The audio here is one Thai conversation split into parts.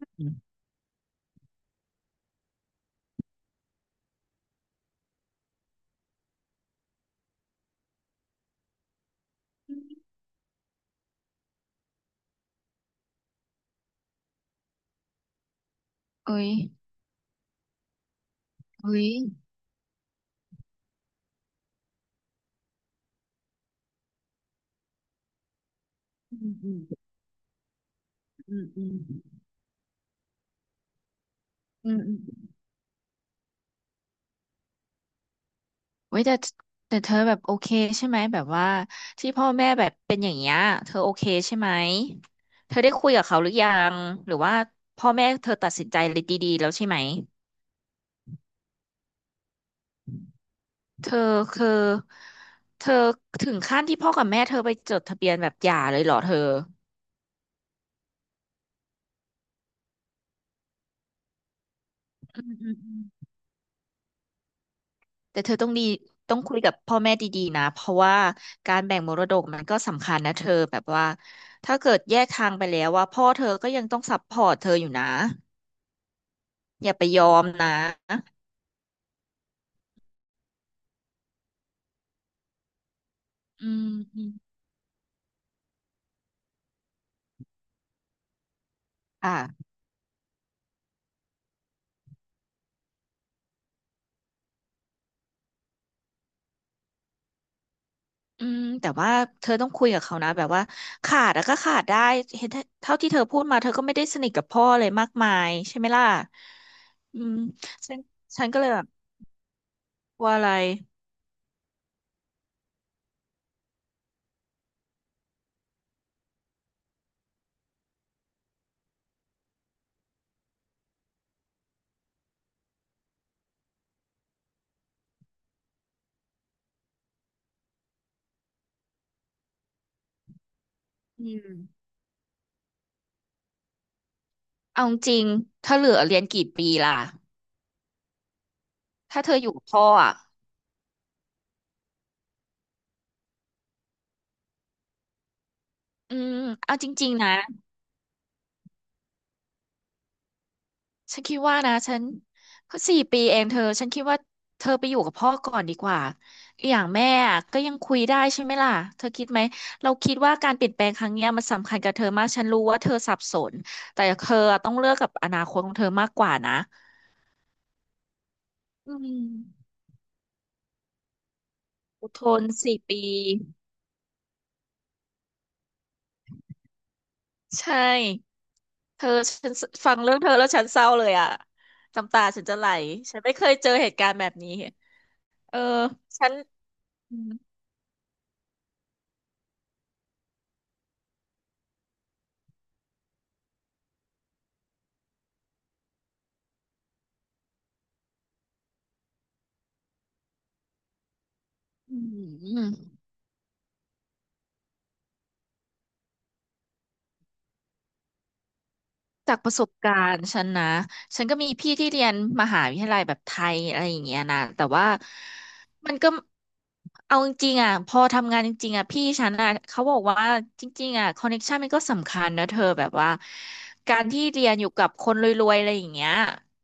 อืมเอ้ยเอ้ยอืมอืมอืมอืมอืมอืมเว้ยแต่เธอแบบโอเคใช่ไหมแบบว่าที่พ่อแม่แบบเป็นอย่างเงี้ยเธอโอเคใช่ไหมเธอได้คุยกับเขาหรือยังหรือว่าพ่อแม่เธอตัดสินใจเลยดีๆแล้วใช่ไหมเธอคือเธอถึงขั้นที่พ่อกับแม่เธอไปจดทะเบียนแบบหย่าเลยเหรอเธออืมอืม แต่เธอต้องคุยกับพ่อแม่ดีๆนะเพราะว่าการแบ่งมรดกมันก็สำคัญนะเธอแบบว่าถ้าเกิดแยกทางไปแล้วว่าพ่อเธอก็ยังต้องซัพพอร์ตเธออยู่นะอย่าไปยอมนะอืมอมอ่ะอืมแต่ว่าเธอต้องคุยกับเขานะแบบว่าขาดแล้วก็ขาดได้เห็นเท่าที่เธอพูดมาเธอก็ไม่ได้สนิทกับพ่อเลยมากมายใช่ไหมล่ะอืมฉันฉันก็เลยแบบกลัว่าอะไรอืมเอาจริงๆถ้าเหลือเรียนกี่ปีล่ะถ้าเธออยู่กับพ่ออ่ะ อืมเอาจริงๆนะฉันคิดว่านะฉันเพสี่ปีเองเธอฉันคิดว่าเธอไปอยู่กับพ่อก่อนดีกว่าอย่างแม่อะก็ยังคุยได้ใช่ไหมล่ะเธอคิดไหมเราคิดว่าการเปลี่ยนแปลงครั้งเนี้ยมันสำคัญกับเธอมากฉันรู้ว่าเธอสับสนแต่เธอต้องเลือกกับอนาคตของเธอมากกว่านะอืมอดทนสี่ปีใช่เธอฉันฟังเรื่องเธอแล้วฉันเศร้าเลยอะน้ำตาฉันจะไหลฉันไม่เคยเจอเหตุการณ์แบบนี้เออฉัน อืมจากประสบการณ์ฉันนะฉันก็มีพี่ที่เรียนมหาวิทยาลัยแบบไทยอะไรอย่างเงี้ยนะแต่ว่ามันก็เอาจริงๆอ่ะพอทำงานจริงๆอ่ะพี่ฉันอ่ะเขาบอกว่าจริงๆอ่ะคอนเน t ชันมันก็สำคัญนะเธอแบบว่าการที่เรียนอยู่กับคนรวยๆอะไรอย่างเงี้ย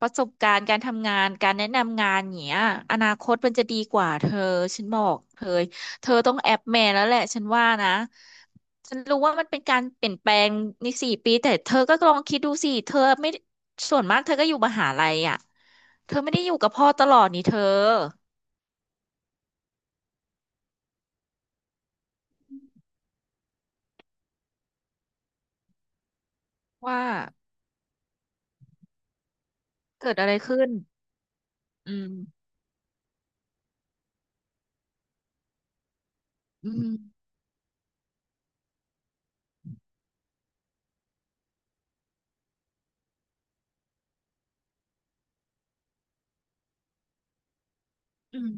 ประสบการณ์การทำงานการแนะนำงานอย่างเงี้ยอนาคตมันจะดีกว่าเธอฉันบอกเธอ เธอต้องแอปแม่แล้วแหละฉันว่านะฉันรู้ว่ามันเป็นการเปลี่ยนแปลงในสี่ปีแต่เธอก็ลองคิดดูสิเธอไม่ส่วนมากเธอก็อยู่มหาลัยอ่ะเธอไม่ได้อยู่กับพ่อตลอดนี่เธอว่าเกิดอะไรขึ้นอืมอืมอืม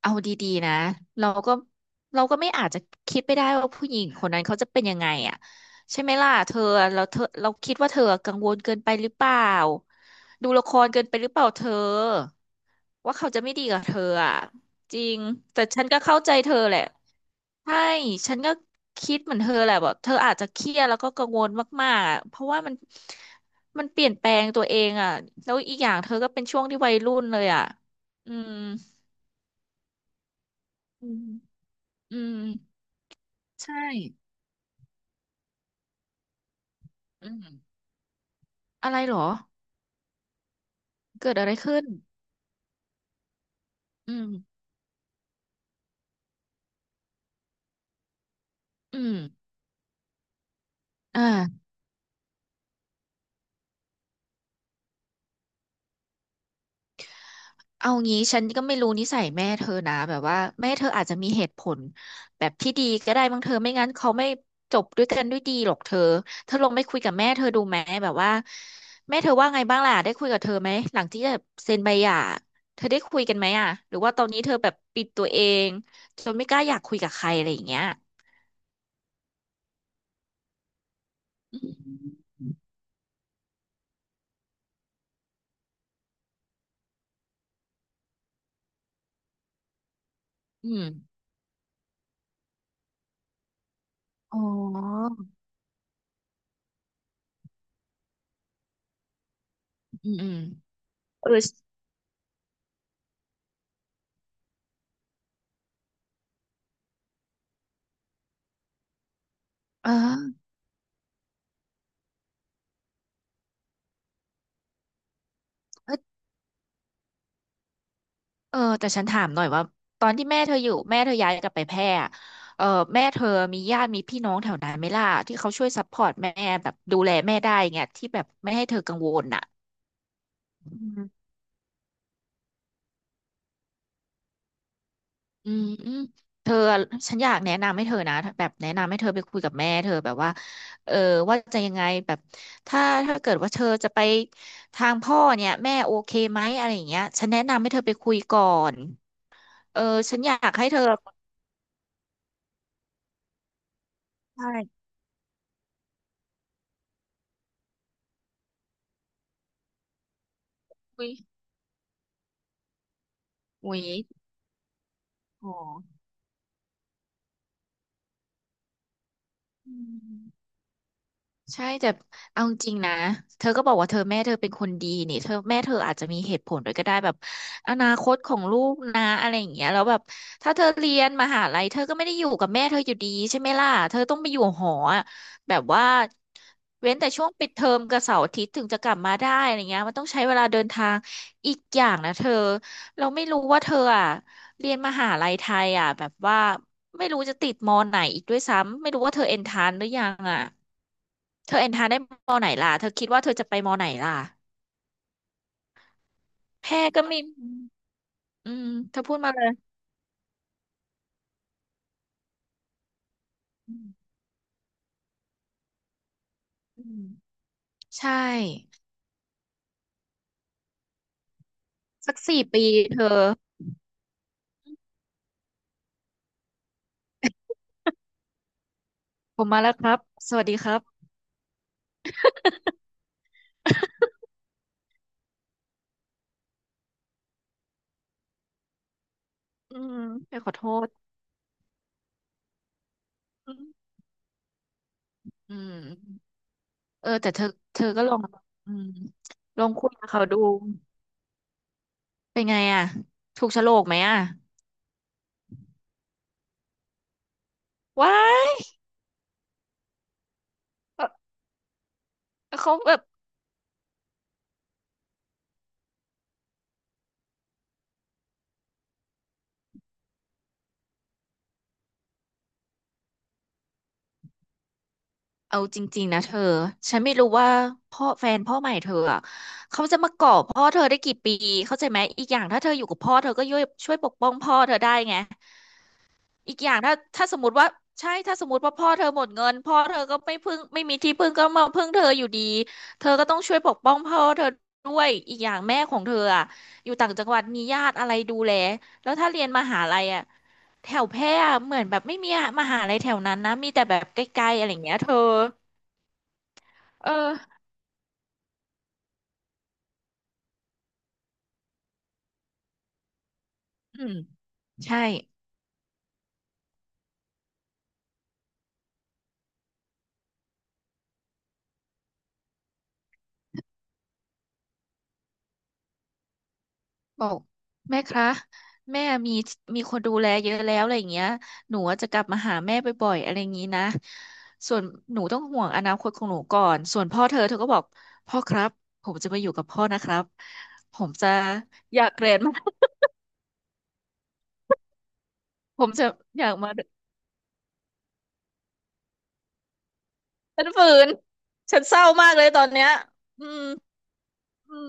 เอาดีๆนะเราก็เราก็ไม่อาจจะคิดไปได้ว่าผู้หญิงคนนั้นเขาจะเป็นยังไงอ่ะใช่ไหมล่ะเธอเราคิดว่าเธอกังวลเกินไปหรือเปล่าดูละครเกินไปหรือเปล่าเธอว่าเขาจะไม่ดีกับเธออ่ะจริงแต่ฉันก็เข้าใจเธอแหละใช่ฉันก็คิดเหมือนเธอแหละแบบเธออาจจะเครียดแล้วก็กังวลมากๆอะเพราะว่ามันมันเปลี่ยนแปลงตัวเองอ่ะแล้วอีกอย่างเธอก็เป็นช่วงที่วัยรุ่นเลยอ่ะอืมอืม อืมใช่อืมอะไรเหรอเกิดอะไรขึ้นอืมอืมอ่าเอางี้ฉันก็ไม่รู้นิสัยแม่เธอนะแบบว่าแม่เธออาจจะมีเหตุผลแบบที่ดีก็ได้บางเธอไม่งั้นเขาไม่จบด้วยกันด้วยดีหรอกเธอเธอลองไปคุยกับแม่เธอดูไหมแบบว่าแม่เธอว่าไงบ้างล่ะได้คุยกับเธอไหมหลังที่จะเซ็นใบหย่าเธอได้คุยกันไหมอ่ะหรือว่าตอนนี้เธอแบบปิดตัวเองจนไม่กล้าอยากคุยกับใครอะไรอย่างเงี้ยอืมอืมอ๋อ อืมอืมเออเออเออเออแต่ฉันถามหน่อยว่าตอนที่แม่เธออยู่แม่เธอย้ายกลับไปแพร่อะเออแม่เธอมีญาติมีพี่น้องแถวนั้นไหมล่ะที่เขาช่วยซัพพอร์ตแม่แบบดูแลแม่ได้เงี้ยที่แบบไม่ให้เธอกังวลอ่ะอืมอืมอืมเธอฉันอยากแนะนำให้เธอนะแบบแนะนำให้เธอไปคุยกับแม่เธอแบบว่าเออว่าจะยังไงแบบถ้าถ้าเกิดว่าเธอจะไปทางพ่อเนี่ยแม่โอเคไหมอะไรอย่างเงี้ยฉันแนะนำให้เธอไปคุยก่อนเออฉันอยากให้เธอ ใช่อุ๊ยอุ๊ยอ๋ออืม ใช่แต่เอาจริงนะเธอก็บอกว่าเธอแม่เธอเป็นคนดีนี่เธอแม่เธออาจจะมีเหตุผลด้วยก็ได้แบบอนาคตของลูกนะอะไรอย่างเงี้ยแล้วแบบถ้าเธอเรียนมหาลัยเธอก็ไม่ได้อยู่กับแม่เธออยู่ดีใช่ไหมล่ะเธอต้องไปอยู่หออะแบบว่าเว้นแต่ช่วงปิดเทอมกับเสาร์อาทิตย์ถึงจะกลับมาได้อะไรเงี้ยมันต้องใช้เวลาเดินทางอีกอย่างนะเธอเราไม่รู้ว่าเธออ่ะเรียนมหาลัยไทยอ่ะแบบว่าไม่รู้จะติดมอไหนอีกด้วยซ้ำไม่รู้ว่าเธอเอนทานหรือยังอ่ะ เธอเอ็นทาได้มอไหนล่ะ เธอคิดว่าเธอจะไปมอไหนล่ะ แพร่ก็มีอืมเธอพูดมาเลยอืมอืมใช่ สักสี่ปีเธอผมมาแล้วครับ สวัสดีครับ อืมไปขอโทษอืมอืมเออแต่เธอเธอก็ลองอืมลองคุยกับเขาดู เป็นไงอ่ะถูกโฉลกไหมอ่ะว้ายเออเขาแบบ เอาจริงๆนะเธอ ฉันไม่รู้ว่าพ่อแฟนพ่อใหม่เธออะเขาจะมาเกาะพ่อเธอได้กี่ปีเข้าใจไหมอีกอย่างถ้าเธออยู่กับพ่อเธอก็ช่วยปกป้องพ่อเธอได้ไงอีกอย่างถ้าสมมติว่าใช่ถ้าสมมติว่าพ่อเธอหมดเงินพ่อเธอก็ไม่มีที่พึ่งก็มาพึ่งเธออยู่ดีเธอก็ต้องช่วยปกป้องพ่อเธอด้วยอีกอย่างแม่ของเธออะอยู่ต่างจังหวัดมีญาติอะไรดูแลแล้วถ้าเรียนมหาลัยอะแถวแพร่อะเหมือนแบบไม่มีมหาลัยแถวนั้นนะมีแต่แบบใกล้ๆอะไรอย่างเงี้ยเธอเออ อืมใช่บอกแม่คะแม่มีมีคนดูแลเยอะแล้วอะไรอย่างเงี้ยหนูว่าจะกลับมาหาแม่บ่อยๆอะไรอย่างงี้นะส่วนหนูต้องห่วงอนาคตของหนูก่อนส่วนพ่อเธอเธอก็บอกพ่อครับผมจะมาอยู่กับพ่อนะครับผมจะอยากเรียนมาก ผมจะอยากมาฉันฝืนฉันเศร้ามากเลยตอนเนี้ยอืมอืม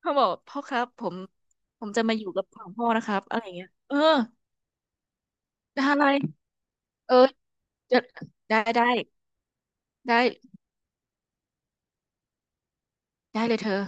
เขาบอกพ่อครับผมผมจะมาอยู่กับของพ่อนะครับอะไรอย่างเงี้ยเออได้อะไรเออจะได้ได้ ได้ได้เลยเธอ